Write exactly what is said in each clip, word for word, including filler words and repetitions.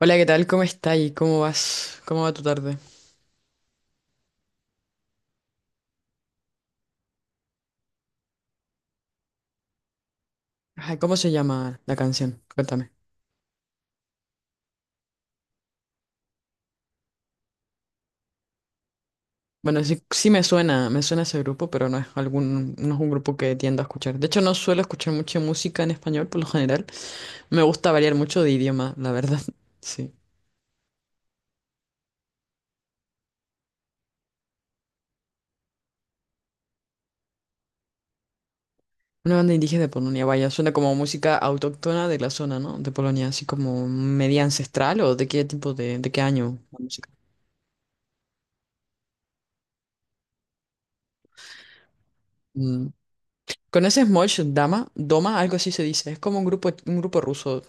Hola, ¿qué tal? ¿Cómo estás? ¿Y cómo vas? ¿Cómo va tu tarde? Ajá, ¿cómo se llama la canción? Cuéntame. Bueno, sí, sí me suena, me suena ese grupo, pero no es algún, no es un grupo que tiendo a escuchar. De hecho, no suelo escuchar mucha música en español por lo general. Me gusta variar mucho de idioma, la verdad. Sí. Una banda indígena de Polonia, vaya, suena como música autóctona de la zona, ¿no? De Polonia, así como media ancestral o de qué tipo de, de qué año la música. Mm. ¿Con ese Mosh Dama? Doma, algo así se dice. Es como un grupo, un grupo ruso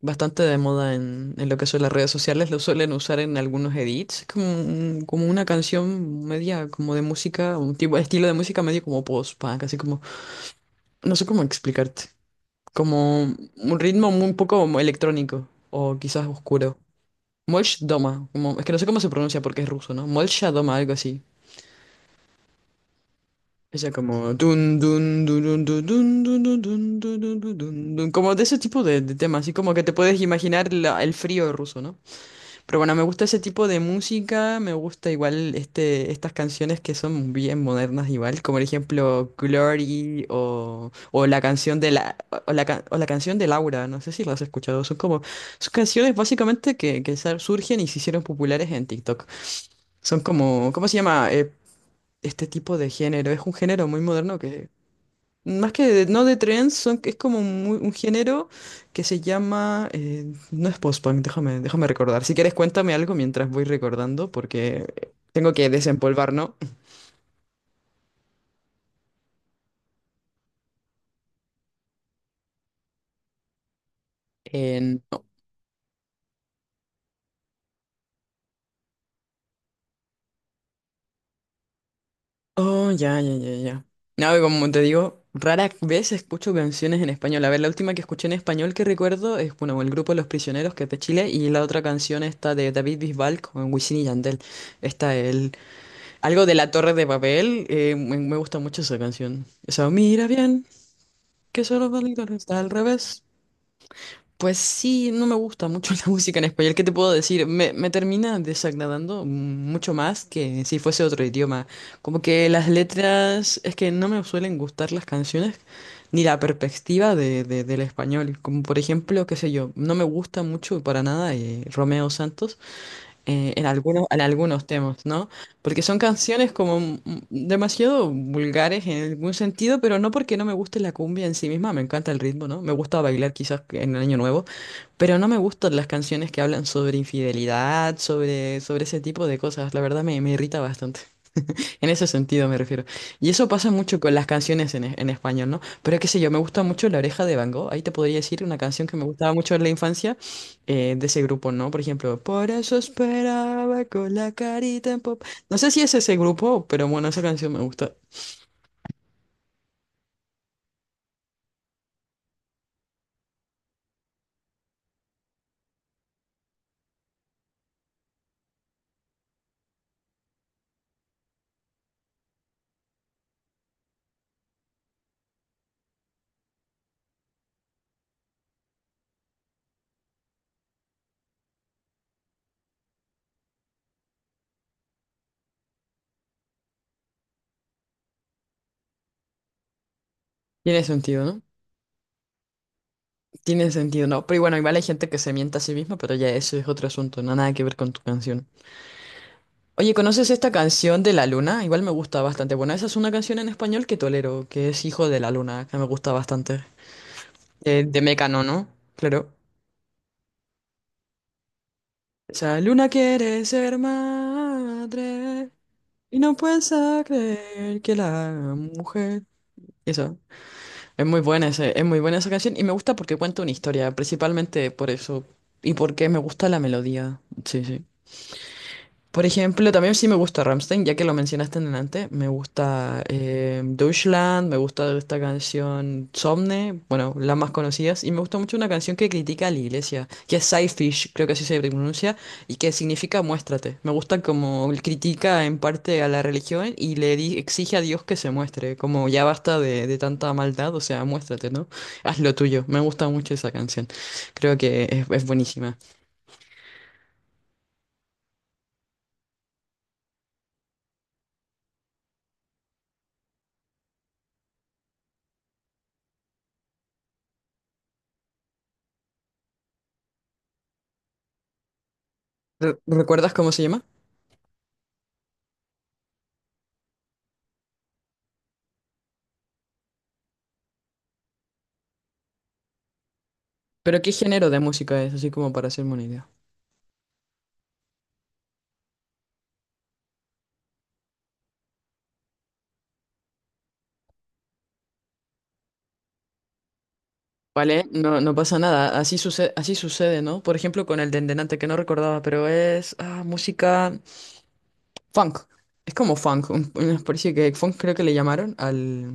bastante de moda en, en lo que son las redes sociales. Lo suelen usar en algunos edits. Es como, un- como una canción media, como de música, un tipo, estilo de música medio como post-punk, así como, no sé cómo explicarte. Como un ritmo muy- un poco como electrónico o quizás oscuro. Molch Doma, como, es que no sé cómo se pronuncia porque es ruso, ¿no? Molch Doma, algo así. Esa como dun dun dun dun dun dun dun dun dun dun dun dun dun, dun, como de ese tipo de, de temas, así como que te puedes imaginar la- el frío ruso, ¿no? Pero bueno, me gusta ese tipo de música, me gusta igual este, estas canciones que son bien modernas igual, como por ejemplo Glory o, o la canción de la o la, can- o la canción de Laura, no sé si las has escuchado, son como son canciones básicamente que, que sal- surgen y se hicieron populares en TikTok. Son como, ¿cómo se llama? Eh, este tipo de género. Es un género muy moderno que, más que de- no de trends, son, es como muy- un género que se llama... eh, no es post-punk, déjame, déjame recordar. Si quieres, cuéntame algo mientras voy recordando porque tengo que desempolvar, ¿no? Eh, no. Oh, ya, ya, ya, ya. No, y como te digo, rara vez escucho canciones en español. A ver, la última que escuché en español que recuerdo es, bueno, el grupo Los Prisioneros, que es de Chile, y la otra canción está de David Bisbal con Wisin y Yandel. Está el... Algo de la Torre de Babel, eh, me me gusta mucho esa canción. Esa, mira bien, que solo bonito está al revés. Pues sí, no me gusta mucho la música en español. ¿Qué te puedo decir? Me, me termina desagradando mucho más que si fuese otro idioma. Como que las letras, es que no me suelen gustar las canciones ni la perspectiva de, de- del español. Como por ejemplo, qué sé yo, no me gusta mucho para nada eh, Romeo Santos eh, en algunos, en algunos temas, ¿no? Porque son canciones como mm, demasiado vulgares en algún sentido, pero no porque no me guste la cumbia en sí misma, me encanta el ritmo, ¿no? Me gusta bailar quizás en el Año Nuevo, pero no me gustan las canciones que hablan sobre infidelidad, sobre, sobre ese tipo de cosas, la verdad me, me irrita bastante. En ese sentido me refiero. Y eso pasa mucho con las canciones en, en español, ¿no? Pero qué sé yo, me gusta mucho La Oreja de Van Gogh. Ahí te podría decir una canción que me gustaba mucho en la infancia eh, de ese grupo, ¿no? Por ejemplo, por eso esperaba con la carita en pop. No sé si es ese grupo, pero bueno, esa canción me gusta. Tiene sentido, ¿no? Tiene sentido, ¿no? Pero bueno, igual hay gente que se mienta a sí misma, pero ya eso es otro asunto, no nada que ver con tu canción. Oye, ¿conoces esta canción de La Luna? Igual me gusta bastante. Bueno, esa es una canción en español que tolero, que es Hijo de la Luna, que me gusta bastante. De, de Mecano, ¿no? Claro. Esa luna quiere ser madre y no puede creer que la mujer. Eso. Es muy buena ese, es muy buena esa canción y me gusta porque cuenta una historia, principalmente por eso. Y porque me gusta la melodía. Sí, sí. Por ejemplo, también sí me gusta Rammstein, ya que lo mencionaste en delante. Me gusta eh, Deutschland, me gusta esta canción Somne, bueno, las más conocidas. Y me gusta mucho una canción que critica a la iglesia, que es Sidefish, creo que así se pronuncia, y que significa muéstrate. Me gusta como él critica en parte a la religión y le di- exige a Dios que se muestre, como ya basta de, de tanta maldad, o sea, muéstrate, ¿no? Haz lo tuyo. Me gusta mucho esa canción. Creo que es, es buenísima. Re- ¿Recuerdas cómo se llama? Pero ¿qué género de música es? Así como para hacerme una idea. Vale, no, no pasa nada. Así sucede, así sucede, ¿no? Por ejemplo, con el Dendenante, que no recordaba, pero es ah, música. Funk. Es como funk, un- una especie que funk creo que le llamaron al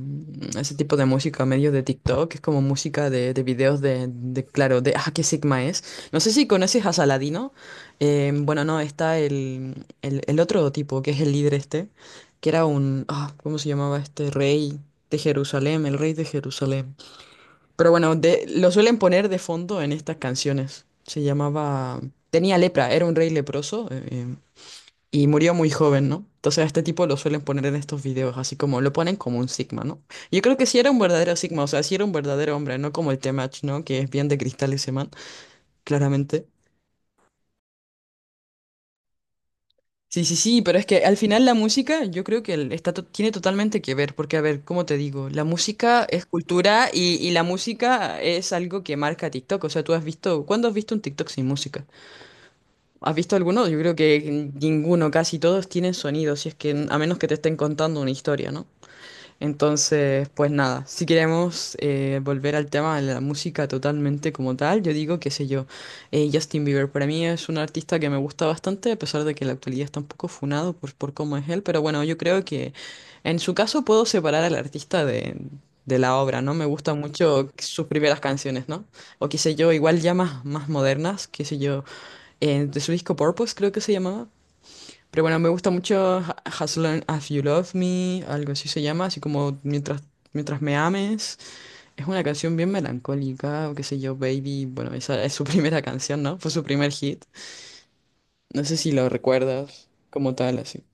a ese tipo de música medio de TikTok, que es como música de, de videos de, de, claro, de ah, qué Sigma es. No sé si conoces a Saladino. Eh, bueno, no, está el, el, el otro tipo, que es el líder este, que era un, ah, ¿cómo se llamaba este? Rey de Jerusalén, el rey de Jerusalén. Pero bueno, de, lo suelen poner de fondo en estas canciones. Se llamaba, tenía lepra, era un rey leproso. eh, em, y murió muy joven, ¿no? Entonces a este tipo lo suelen poner en estos videos, así como lo ponen como un Sigma, ¿no? Yo creo que sí era un verdadero Sigma, o sea, sí era un verdadero hombre, no como el Temach, ¿no? Que es bien de cristal ese man, claramente. Sí, sí, sí, pero es que al final la música yo creo que el- está to- tiene totalmente que ver, porque a ver, ¿cómo te digo? La música es cultura y, y la música es algo que marca TikTok, o sea, tú has visto, ¿cuándo has visto un TikTok sin música? ¿Has visto alguno? Yo creo que ninguno, casi todos tienen sonido, si es que a menos que te estén contando una historia, ¿no? Entonces, pues nada, si queremos eh, volver al tema de la música totalmente como tal, yo digo, qué sé yo, eh, Justin Bieber para mí es un artista que me gusta bastante, a pesar de que en la actualidad está un poco funado por, por cómo es él, pero bueno, yo creo que en su caso puedo separar al artista de, de la obra, ¿no? Me gustan mucho sus primeras canciones, ¿no? O qué sé yo, igual ya más, más modernas, qué sé yo, eh, de su disco Purpose creo que se llamaba. Pero bueno, me gusta mucho Ha- As Long As You Love Me, algo así se llama, así como mientras, mientras me ames. Es una canción bien melancólica, o qué sé yo, Baby. Bueno, esa es su primera canción, ¿no? Fue su primer hit. No sé si lo recuerdas como tal, así.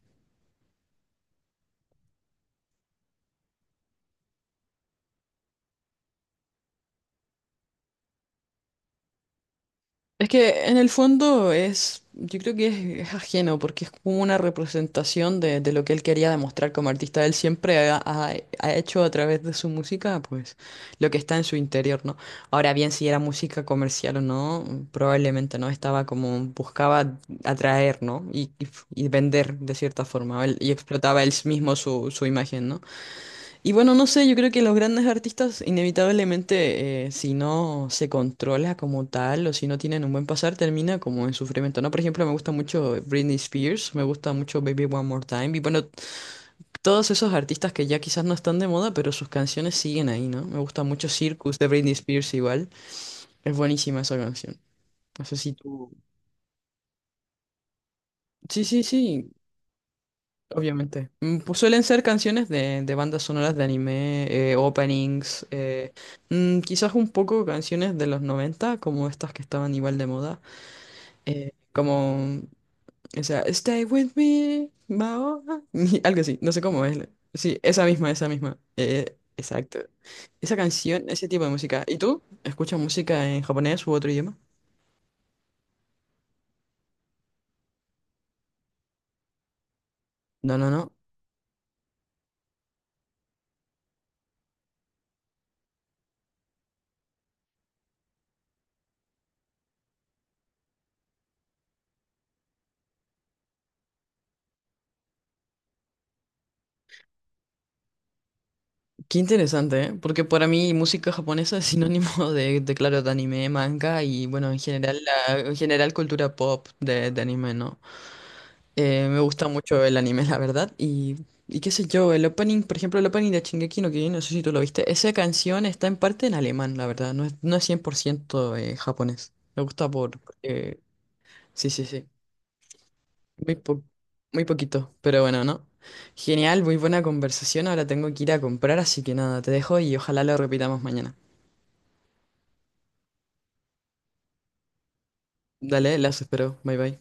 Es que en el fondo es, yo creo que es, es ajeno, porque es como una representación de, de lo que él quería demostrar como artista. Él siempre ha, ha- ha hecho a través de su música, pues, lo que está en su interior, ¿no? Ahora bien, si era música comercial o no, probablemente no, estaba como, buscaba atraer, ¿no? Y, y f- y vender de cierta forma. Él- y explotaba él mismo su, su imagen, ¿no? Y bueno, no sé, yo creo que los grandes artistas inevitablemente, eh, si no se controla como tal o si no tienen un buen pasar, termina como en sufrimiento, ¿no? Por ejemplo, me gusta mucho Britney Spears, me gusta mucho Baby One More Time y bueno, todos esos artistas que ya quizás no están de moda, pero sus canciones siguen ahí, ¿no? Me gusta mucho Circus de Britney Spears igual, es buenísima esa canción. No sé si tú... Sí, sí, sí. Obviamente. Mm, pues suelen ser canciones de, de bandas sonoras de anime, eh, openings, eh, mm, quizás un poco canciones de los noventa como estas que estaban igual de moda, eh, como esa Stay with me, Maoa, algo así, no sé cómo es. Sí, esa misma, esa misma. Eh, exacto. Esa canción, ese tipo de música. ¿Y tú? ¿Escuchas música en japonés u otro idioma? No, no, no. Qué interesante, ¿eh? Porque para mí música japonesa es sinónimo de, de, claro, de anime, manga y, bueno, en general, la, en general cultura pop de, de anime, ¿no? Eh, me gusta mucho el anime, la verdad, y, y qué sé yo, el opening, por ejemplo, el opening de Shingeki no Kyojin, no sé si tú lo viste, esa canción está en parte en alemán, la verdad, no es, no es cien por ciento eh, japonés. Me gusta por... eh, sí, sí, sí. Muy, po- muy poquito, pero bueno, ¿no? Genial, muy buena conversación. Ahora tengo que ir a comprar, así que nada, te dejo y ojalá lo repitamos mañana. Dale, las espero. Bye bye.